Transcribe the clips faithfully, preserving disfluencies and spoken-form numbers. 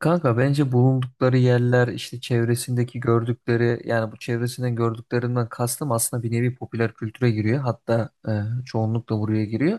Kanka bence bulundukları yerler işte çevresindeki gördükleri yani bu çevresinden gördüklerinden kastım aslında bir nevi popüler kültüre giriyor. Hatta e, çoğunlukla buraya giriyor.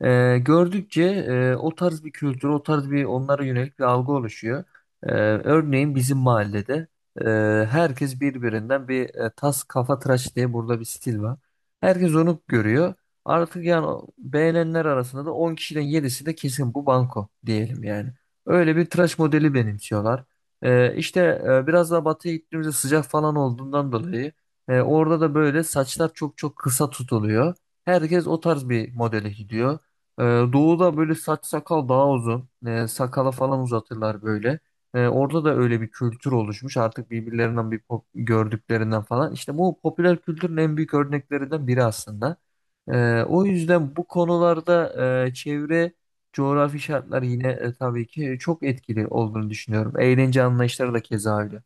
E, gördükçe e, o tarz bir kültür, o tarz bir onlara yönelik bir algı oluşuyor. E, örneğin bizim mahallede e, herkes birbirinden bir e, tas kafa tıraş diye burada bir stil var. Herkes onu görüyor. Artık yani beğenenler arasında da on kişiden yedisi de kesin bu banko diyelim yani. Öyle bir tıraş modeli benimsiyorlar. Ee, işte e, biraz daha batıya gittiğimizde sıcak falan olduğundan dolayı e, orada da böyle saçlar çok çok kısa tutuluyor. Herkes o tarz bir modele gidiyor. Ee, doğuda böyle saç sakal daha uzun. Ee, sakala falan uzatırlar böyle. Ee, orada da öyle bir kültür oluşmuş. Artık birbirlerinden bir pop- gördüklerinden falan. İşte bu popüler kültürün en büyük örneklerinden biri aslında. Ee, o yüzden bu konularda e, çevre coğrafi şartlar yine e, tabii ki çok etkili olduğunu düşünüyorum. Eğlence anlayışları da keza öyle.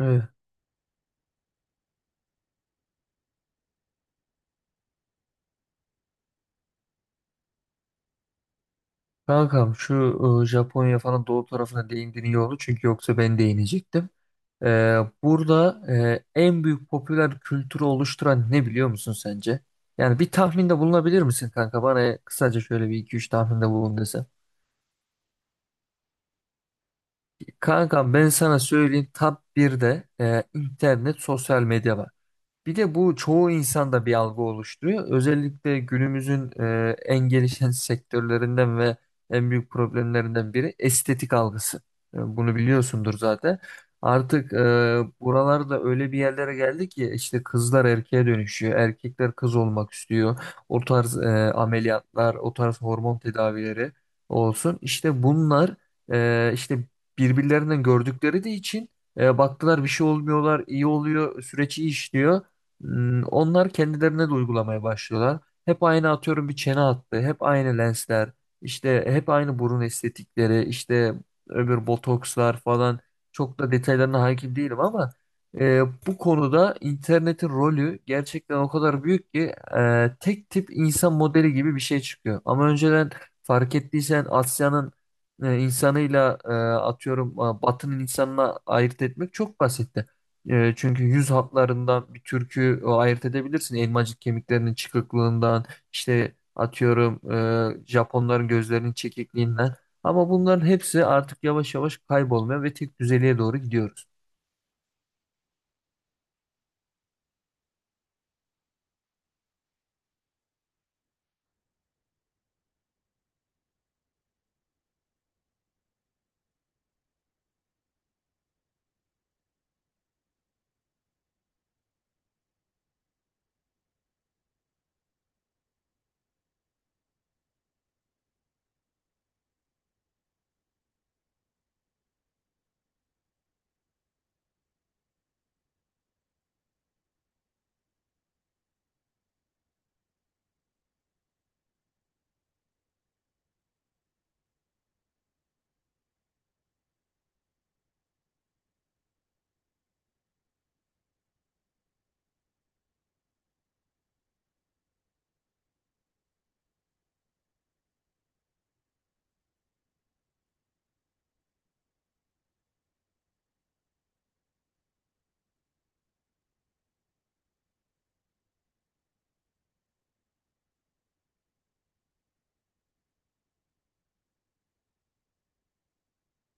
Evet. Kankam şu e, Japonya falan doğu tarafına değindin iyi oldu. Çünkü yoksa ben değinecektim. Ee, burada e, en büyük popüler kültürü oluşturan ne biliyor musun sence? Yani bir tahminde bulunabilir misin kanka? Bana kısaca şöyle bir iki üç tahminde bulun desem. Kankam ben sana söyleyeyim top birde e, internet sosyal medya var. Bir de bu çoğu insanda bir algı oluşturuyor. Özellikle günümüzün e, en gelişen sektörlerinden ve en büyük problemlerinden biri estetik algısı. E, bunu biliyorsundur zaten. Artık e, buralarda öyle bir yerlere geldi ki işte kızlar erkeğe dönüşüyor. Erkekler kız olmak istiyor. O tarz e, ameliyatlar, o tarz hormon tedavileri olsun. İşte bunlar e, işte birbirlerinden gördükleri de için e, baktılar bir şey olmuyorlar, iyi oluyor, süreç iyi işliyor. Hmm, Onlar kendilerine de uygulamaya başlıyorlar. Hep aynı atıyorum bir çene hattı, hep aynı lensler, işte hep aynı burun estetikleri, işte öbür botokslar falan. Çok da detaylarına hakim değilim ama e, bu konuda internetin rolü gerçekten o kadar büyük ki e, tek tip insan modeli gibi bir şey çıkıyor. Ama önceden fark ettiysen Asya'nın e, insanıyla e, atıyorum e, Batı'nın insanına ayırt etmek çok basitti. E, çünkü yüz hatlarından bir türkü e, ayırt edebilirsin. Elmacık kemiklerinin çıkıklığından, işte atıyorum e, Japonların gözlerinin çekikliğinden. Ama bunların hepsi artık yavaş yavaş kaybolmaya ve tek düzeliğe doğru gidiyoruz.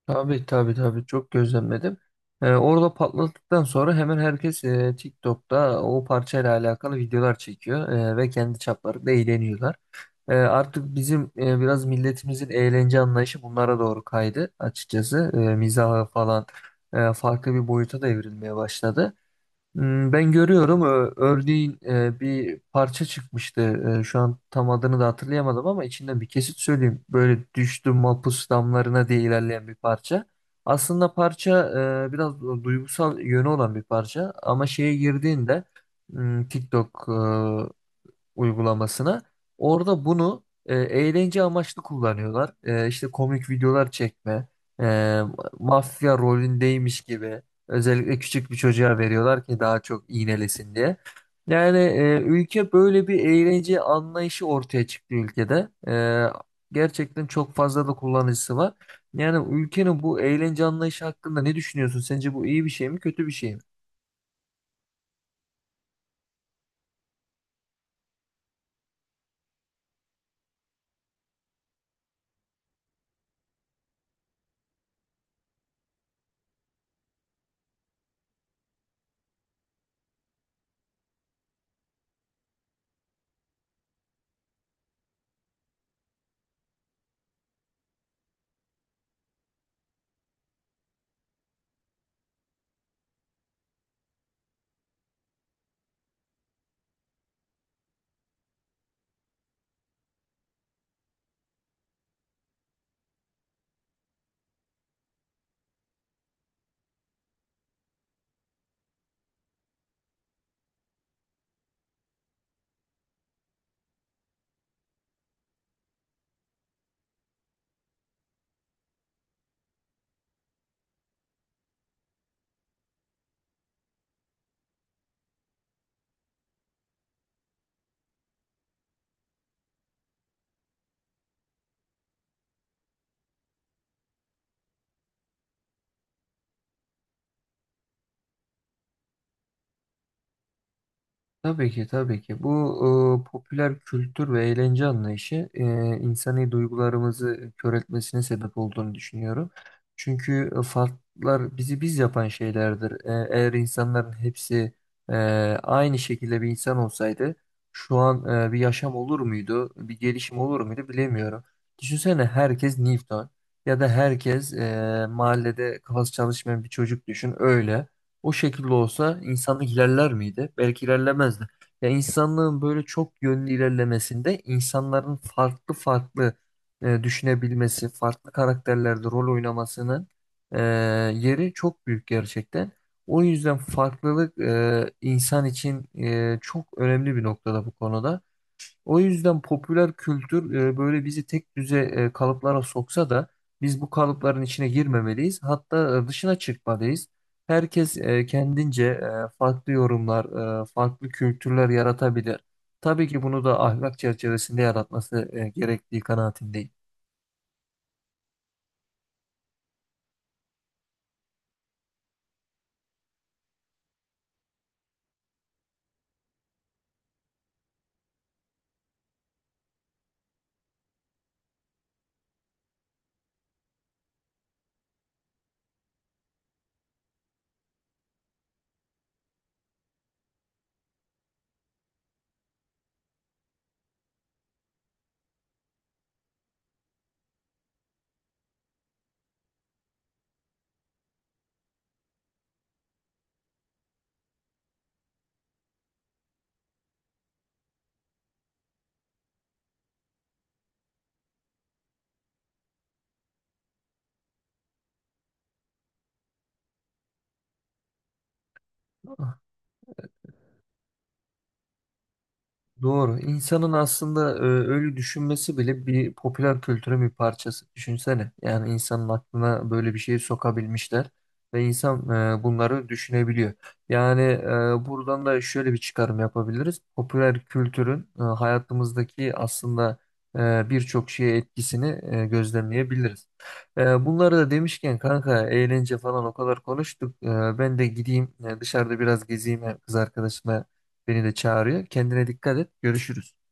Tabii tabii tabii çok gözlemledim. Ee, orada patladıktan sonra hemen herkes e, TikTok'ta o parçayla alakalı videolar çekiyor e, ve kendi çaplarında eğleniyorlar. E, artık bizim e, biraz milletimizin eğlence anlayışı bunlara doğru kaydı açıkçası. E, mizaha falan e, farklı bir boyuta da evrilmeye başladı. Hmm, Ben görüyorum. Ö- Örneğin e, bir parça çıkmıştı. E, Şu an tam adını da hatırlayamadım ama içinden bir kesit söyleyeyim. Böyle düştüm mapus damlarına diye ilerleyen bir parça. Aslında parça e, biraz duygusal yönü olan bir parça ama şeye girdiğinde hmm, TikTok e, uygulamasına. Orada bunu e, eğlence amaçlı kullanıyorlar. E, işte komik videolar çekme, e, mafya rolündeymiş gibi özellikle küçük bir çocuğa veriyorlar ki daha çok iğnelesin diye. Yani e, ülke böyle bir eğlence anlayışı ortaya çıktı ülkede. E, gerçekten çok fazla da kullanıcısı var. Yani ülkenin bu eğlence anlayışı hakkında ne düşünüyorsun? Sence bu iyi bir şey mi, kötü bir şey mi? Tabii ki tabii ki. Bu e, popüler kültür ve eğlence anlayışı e, insani duygularımızı kör etmesine sebep olduğunu düşünüyorum. Çünkü e, farklar bizi biz yapan şeylerdir. E, eğer insanların hepsi e, aynı şekilde bir insan olsaydı şu an e, bir yaşam olur muydu, bir gelişim olur muydu bilemiyorum. Düşünsene herkes Newton ya da herkes e, mahallede kafası çalışmayan bir çocuk düşün öyle. O şekilde olsa insanlık ilerler miydi? Belki ilerlemezdi. Ya insanlığın böyle çok yönlü ilerlemesinde insanların farklı farklı e, düşünebilmesi, farklı karakterlerde rol oynamasının e, yeri çok büyük gerçekten. O yüzden farklılık e, insan için e, çok önemli bir noktada bu konuda. O yüzden popüler kültür e, böyle bizi tek düze e, kalıplara soksa da biz bu kalıpların içine girmemeliyiz. Hatta e, dışına çıkmalıyız. Herkes e, kendince e, farklı yorumlar, e, farklı kültürler yaratabilir. Tabii ki bunu da ahlak çerçevesinde yaratması e, gerektiği kanaatindeyim. Doğru. İnsanın aslında e, öyle düşünmesi bile bir popüler kültürün bir parçası. Düşünsene. Yani insanın aklına böyle bir şeyi sokabilmişler ve insan e, bunları düşünebiliyor. Yani e, buradan da şöyle bir çıkarım yapabiliriz. Popüler kültürün e, hayatımızdaki aslında e, birçok şeye etkisini e, gözlemleyebiliriz. E, bunları da demişken kanka eğlence falan o kadar konuştuk. E, ben de gideyim e, dışarıda biraz gezeyim e, kız arkadaşımla. Beni de çağırıyor. Kendine dikkat et. Görüşürüz.